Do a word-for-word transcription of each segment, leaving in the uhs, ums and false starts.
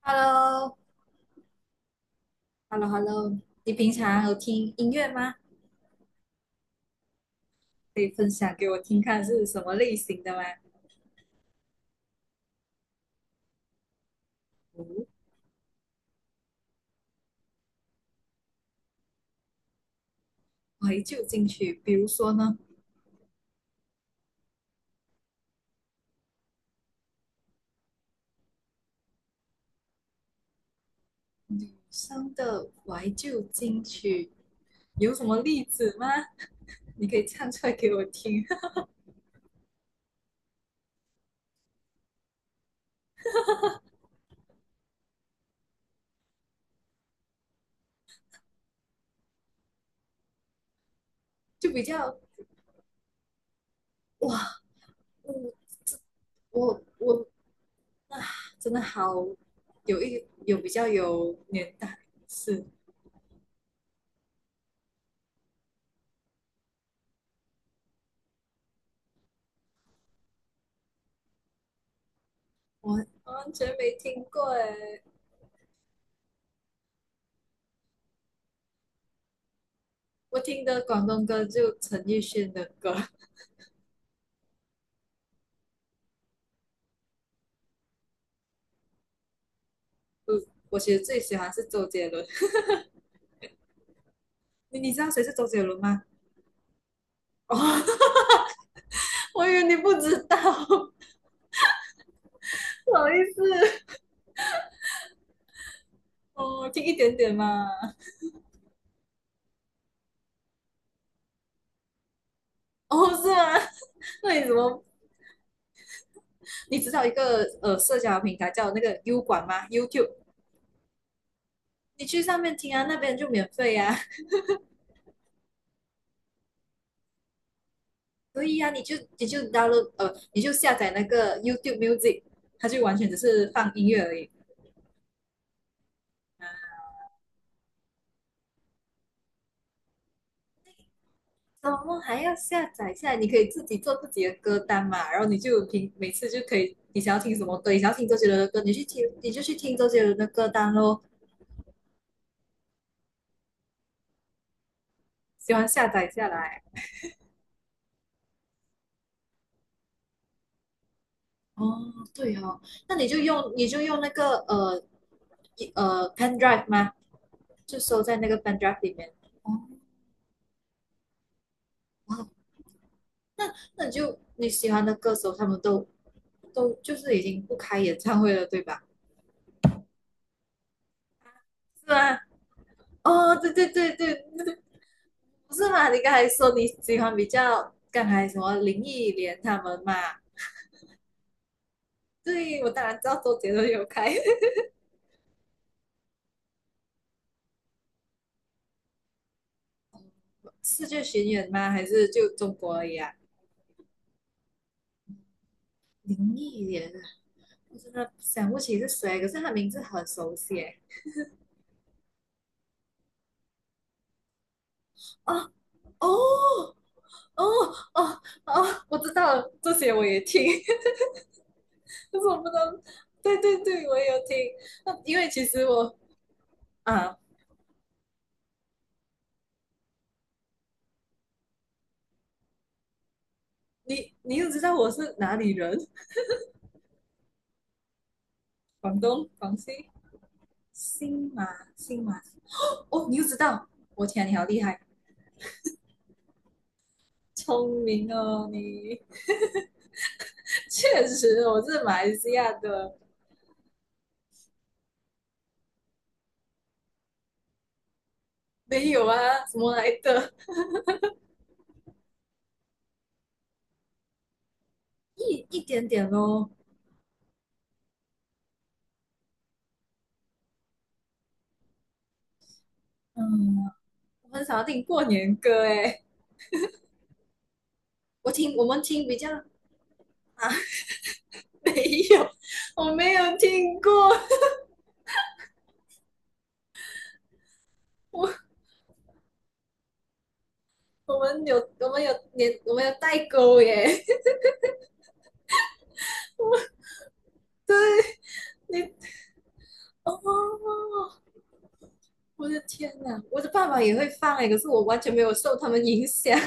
Hello，Hello，Hello，你平常有听音乐吗？可以分享给我听看是什么类型的吗？怀旧金曲，比如说呢？女生的怀旧金曲有什么例子吗？你可以唱出来给我听。就比较哇，我我我啊，真的好有一有比较有年代，是我完全没听过诶。我听的广东歌就陈奕迅的歌。我其实最喜欢是周杰伦，你你知道谁是周杰伦吗？哦，我以为你不知道，不好意思。哦，听一点点嘛。哦，是吗？那你怎么？你知道一个呃社交平台叫那个 U 管吗？YouTube，你去上面听啊，那边就免费啊。所以啊，你就你就 download 呃，你就下载那个 YouTube Music，它就完全只是放音乐而已。怎么还要下载下来？你可以自己做自己的歌单嘛，然后你就听，每次就可以，你想要听什么歌，你想要听周杰伦的歌，你去听，你就去听周杰伦的歌单咯。喜欢下载下来。哦，对哦。那你就用你就用那个呃一呃 pen drive 吗？就收在那个 pen drive 里面。哦，哇，那那你就你喜欢的歌手他们都都就是已经不开演唱会了，对吧？是吗？哦，对对对对，不是嘛？你刚才说你喜欢比较刚才什么林忆莲他们嘛？对，我当然知道周杰伦有开。 世界巡演吗？还是就中国而已啊？林忆莲啊，我真的想不起是谁，可是他名字很熟悉耶。哦哦哦哦哦，我知道了，这些我也听。但是我不能。对对对，我也有听。那因为其实我啊，你你又知道我是哪里人。广东广西新马新马哦，你就知道，我天，你好厉害。聪明哦你。确实，我是马来西亚的。没有啊，什么来的？一一点点咯。嗯，我很少听过年歌诶。我听我们听比较啊，没有，我没有听过。我我们有我们有年我们有代沟耶。我对你哦，我的天哪，我的爸爸也会放诶，可是我完全没有受他们影响。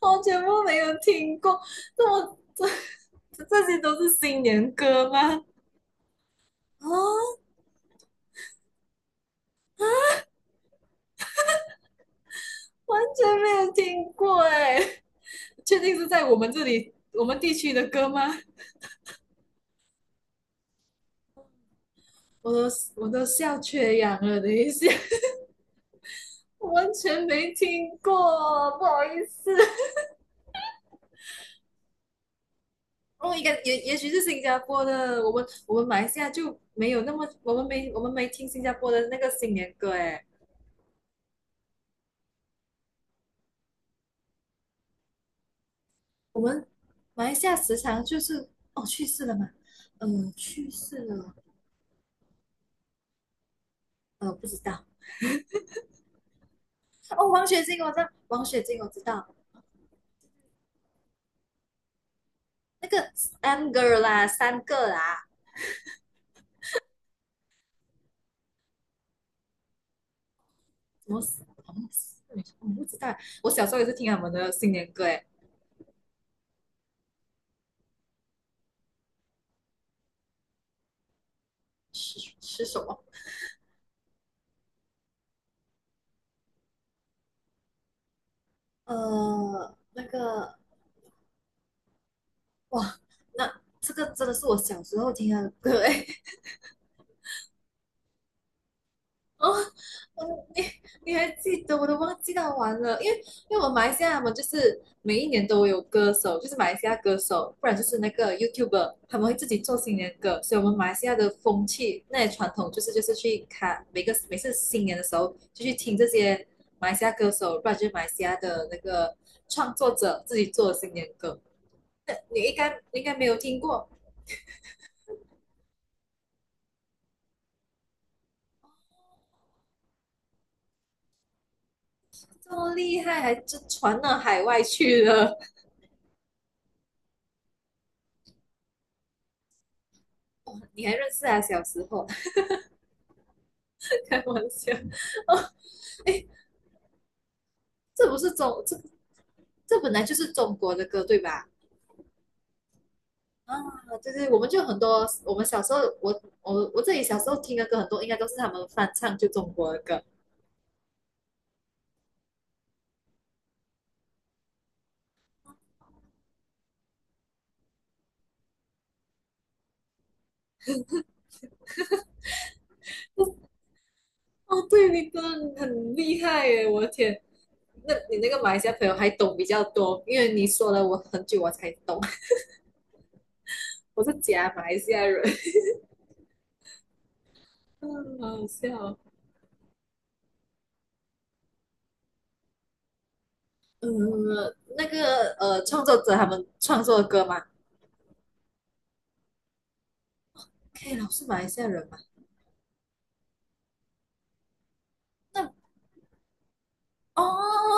我全部没有听过，这么这这些都是新年歌吗？啊，完全没有听过哎，确定是在我们这里我们地区的歌吗？我都我都笑缺氧了，等一下。完全没听过，不好意思。哦，应该也也许是新加坡的，我们我们马来西亚就没有那么，我们没我们没听新加坡的那个新年歌哎。我们马来西亚时常就是哦去世了嘛，呃去世了。呃，不知道哦，王雪晶，我知道，王雪晶，我知道。那个 a M g e r 啦，三个啦。什么什么？我不知道。我小时候也是听他们的新年歌，诶。是是什么？呃，那个哇，那这个真的是我小时候听的歌，诶。哦，你你还记得？我都忘记到完了，因为因为我们马来西亚嘛，就是每一年都有歌手，就是马来西亚歌手，不然就是那个 YouTuber，他们会自己做新年歌，所以我们马来西亚的风气那些传统就是就是去看每个每次新年的时候就去听这些马来西亚歌手，不然就是马来西亚的那个创作者自己做的新年歌，你应该你应该没有听过。这么厉害，还就传到海外去了。你还认识啊？小时候？开玩笑哦。哎，这不是中这这本来就是中国的歌对吧？啊，对对，我们就很多，我们小时候我我我自己小时候听的歌很多，应该都是他们翻唱就中国的歌。哦，对，你真的很厉害耶！我的天，那你那个马来西亚朋友还懂比较多，因为你说了我很久我才懂。我是假马来西亚人。嗯，好好笑哦。嗯，那个呃，创作者他们创作的歌嘛，可以，老是马来西亚人嘛？哦，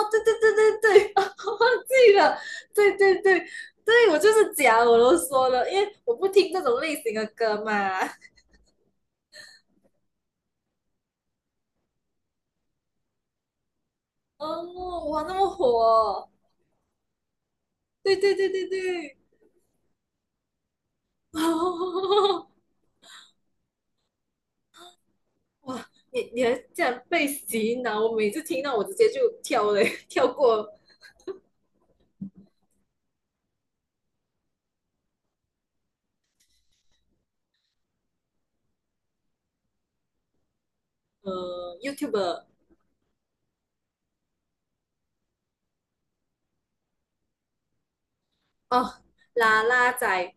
对对对对对，哦，忘记了。对对对对，我就是讲，我都说了，因为我不听这种类型的歌嘛。哦，哇，那么火哦。对对对对对，哦，哇，你你还竟然被洗脑，我每次听到我直接就跳嘞，跳过呃 YouTube 哦，啦啦仔，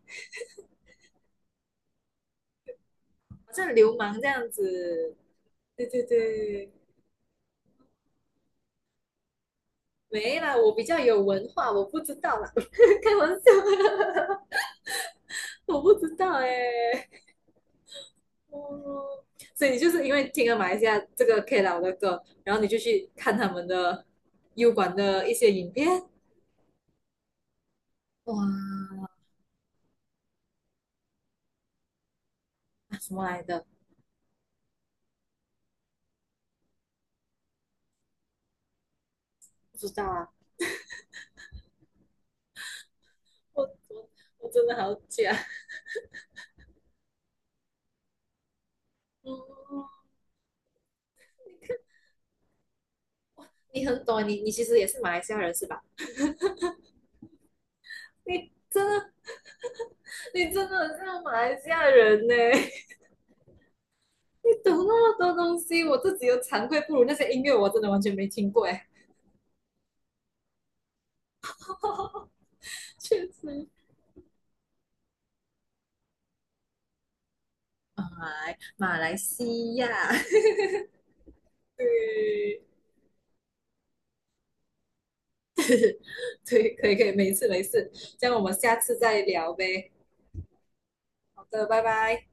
好像流氓这样子。对对对，没啦，我比较有文化，我不知道啦。开玩笑。我不知道哎、欸哦，所以你就是因为听了马来西亚这个 K 老的歌，然后你就去看他们的 U 管的一些影片，哇，什么来的？不知道啊，我我我真的好假。嗯，你看你很懂，你你其实也是马来西亚人是吧？你真的你真的很像马来西亚人呢、欸你懂那么多东西，我自己都惭愧不如那些音乐我真的完全没听过哎，欸。 确实。来马来西亚，对，对，可以可以，没事没事，这样我们下次再聊呗。好的，拜拜。